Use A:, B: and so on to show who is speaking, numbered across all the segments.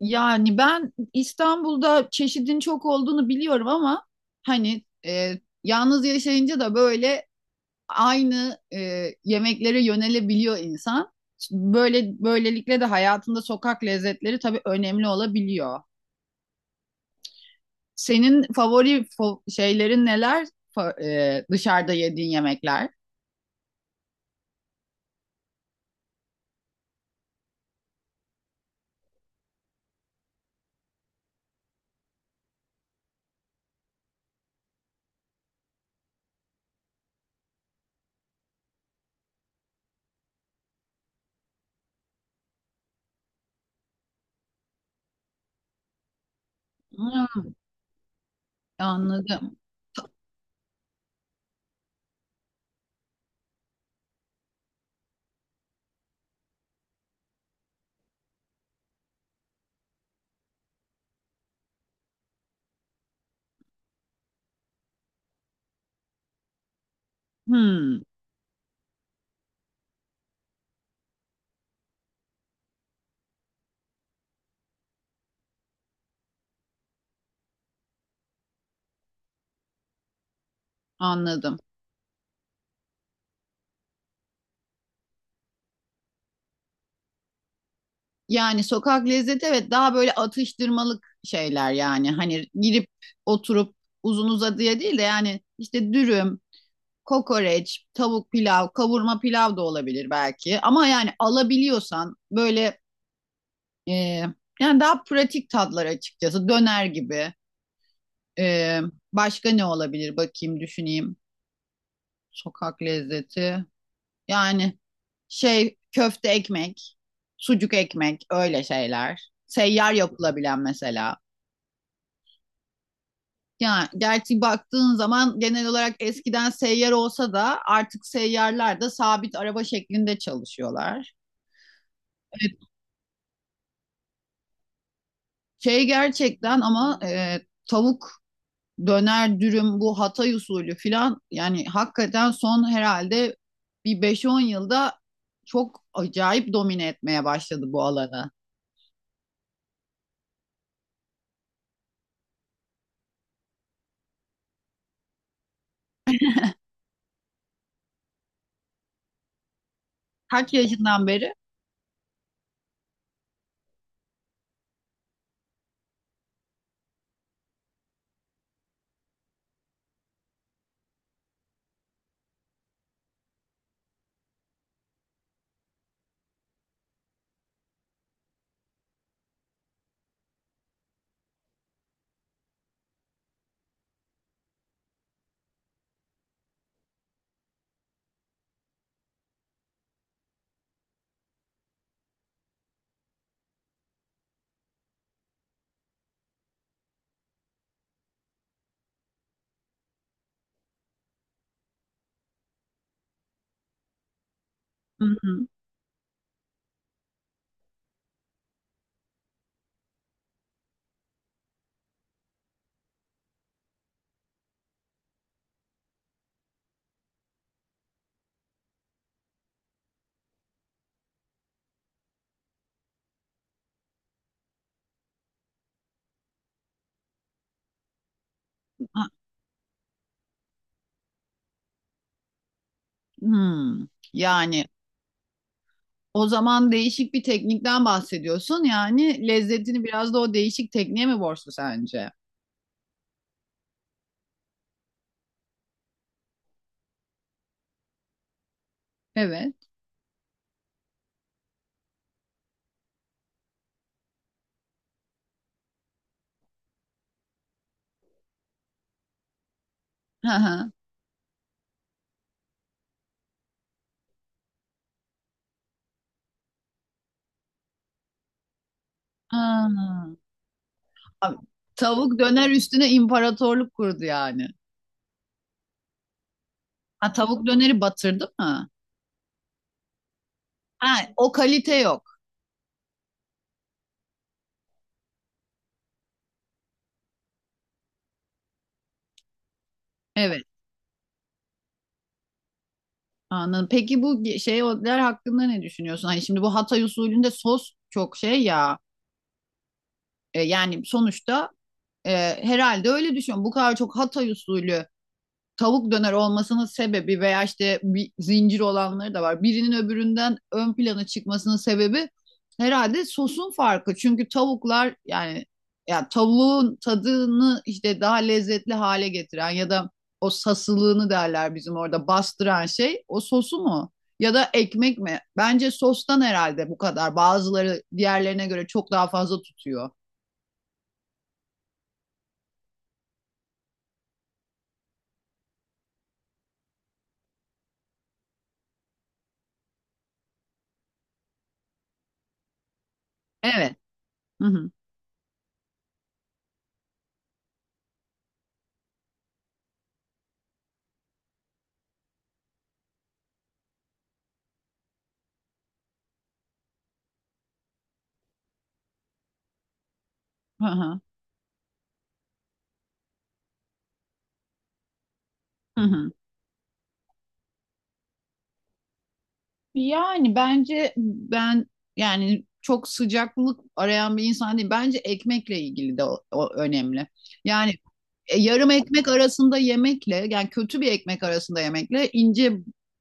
A: Yani ben İstanbul'da çeşidin çok olduğunu biliyorum ama hani yalnız yaşayınca da böyle aynı yemeklere yönelebiliyor insan. Böylelikle de hayatında sokak lezzetleri tabii önemli olabiliyor. Senin favori şeylerin neler? Dışarıda yediğin yemekler. Hmm, anladım. Hmm, anladım. Yani sokak lezzeti, evet, daha böyle atıştırmalık şeyler yani. Hani girip oturup uzun uzadıya değil de yani işte dürüm, kokoreç, tavuk pilav, kavurma pilav da olabilir belki. Ama yani alabiliyorsan böyle e, yani daha pratik tatlar açıkçası, döner gibi. E, Başka ne olabilir, bakayım düşüneyim. Sokak lezzeti. Yani şey, köfte ekmek, sucuk ekmek, öyle şeyler. Seyyar yapılabilen mesela. Yani gerçi baktığın zaman genel olarak eskiden seyyar olsa da artık seyyarlar da sabit araba şeklinde çalışıyorlar. Şey, gerçekten ama tavuk döner dürüm, bu Hatay usulü filan, yani hakikaten son herhalde bir beş on yılda çok acayip domine etmeye başladı bu alanı. Kaç yaşından beri? Hı hı. Ha, hmm. Yani, o zaman değişik bir teknikten bahsediyorsun. Yani lezzetini biraz da o değişik tekniğe mi borçlu sence? Evet. Hı hı. Ha. Abi, tavuk döner üstüne imparatorluk kurdu yani. Ha, tavuk döneri batırdı mı? Ha, o kalite yok. Evet. Anladım. Peki bu şeyler hakkında ne düşünüyorsun? Hani şimdi bu Hatay usulünde sos çok şey ya. Yani sonuçta, e, herhalde öyle düşünüyorum. Bu kadar çok Hatay usulü tavuk döner olmasının sebebi, veya işte bir zincir olanları da var, birinin öbüründen ön plana çıkmasının sebebi herhalde sosun farkı. Çünkü tavuklar yani, ya tavuğun tadını işte daha lezzetli hale getiren ya da o sasılığını derler bizim orada, bastıran şey o sosu mu? Ya da ekmek mi? Bence sostan herhalde bu kadar. Bazıları diğerlerine göre çok daha fazla tutuyor. Evet. Hı hı. Hı hı. Hı hı. Yani bence ben, yani çok sıcaklık arayan bir insan değil. Bence ekmekle ilgili de o önemli. Yani yarım ekmek arasında yemekle, yani kötü bir ekmek arasında yemekle ince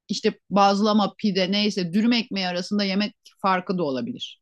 A: işte bazlama, pide, neyse dürüm ekmeği arasında yemek farkı da olabilir.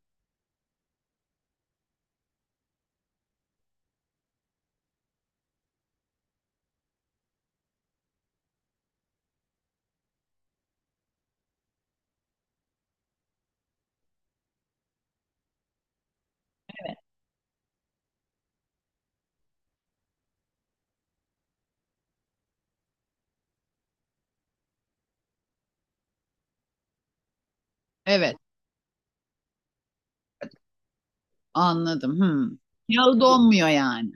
A: Evet, anladım. Hmm. Yağı donmuyor yani.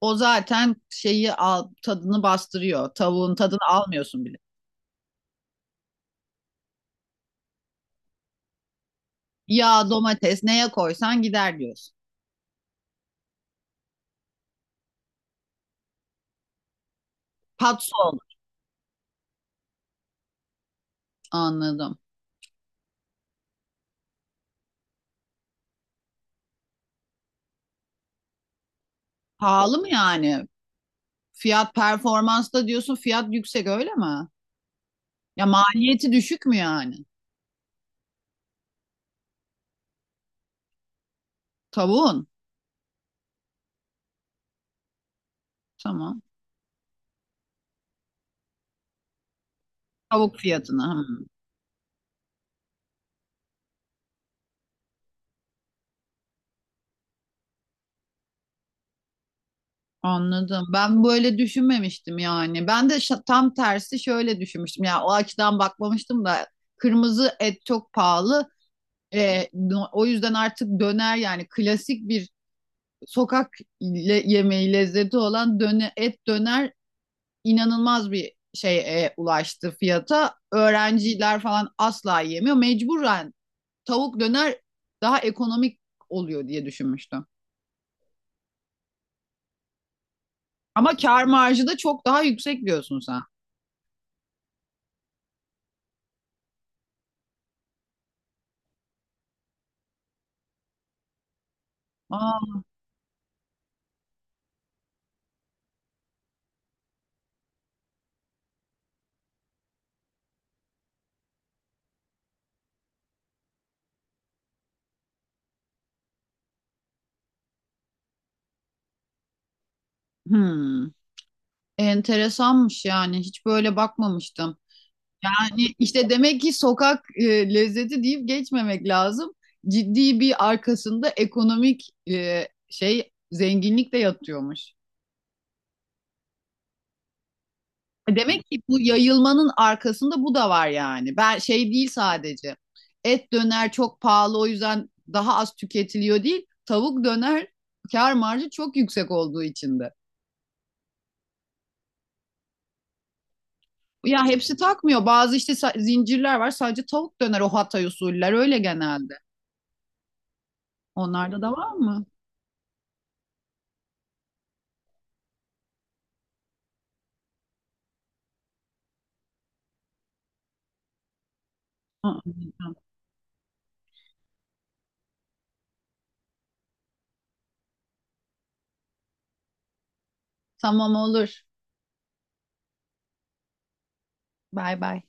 A: O zaten şeyi al, tadını bastırıyor. Tavuğun tadını almıyorsun bile. Yağ, domates, neye koysan gider diyorsun. Patso. Anladım. Pahalı mı yani? Fiyat performans da diyorsun, fiyat yüksek öyle mi? Ya maliyeti düşük mü yani? Tavuğun. Tamam. Tavuk fiyatına. Hmm. Anladım. Ben böyle düşünmemiştim yani. Ben de tam tersi şöyle düşünmüştüm. Ya o açıdan bakmamıştım da kırmızı et çok pahalı. O yüzden artık döner, yani klasik bir sokak yemeği lezzeti olan et döner inanılmaz bir şeye ulaştı, fiyata. Öğrenciler falan asla yiyemiyor. Mecburen tavuk döner daha ekonomik oluyor diye düşünmüştüm. Ama kar marjı da çok daha yüksek diyorsun sen. Aa, hmm. Enteresanmış yani. Hiç böyle bakmamıştım. Yani işte demek ki sokak lezzeti deyip geçmemek lazım. Ciddi bir arkasında ekonomik şey, zenginlik de yatıyormuş. Demek ki bu yayılmanın arkasında bu da var yani. Ben şey değil sadece. Et döner çok pahalı o yüzden daha az tüketiliyor değil. Tavuk döner kar marjı çok yüksek olduğu için de. Ya hepsi takmıyor. Bazı işte zincirler var, sadece tavuk döner, o Hatay usuller öyle genelde. Onlarda da var mı? Hı hı. Tamam, olur. Bay bay.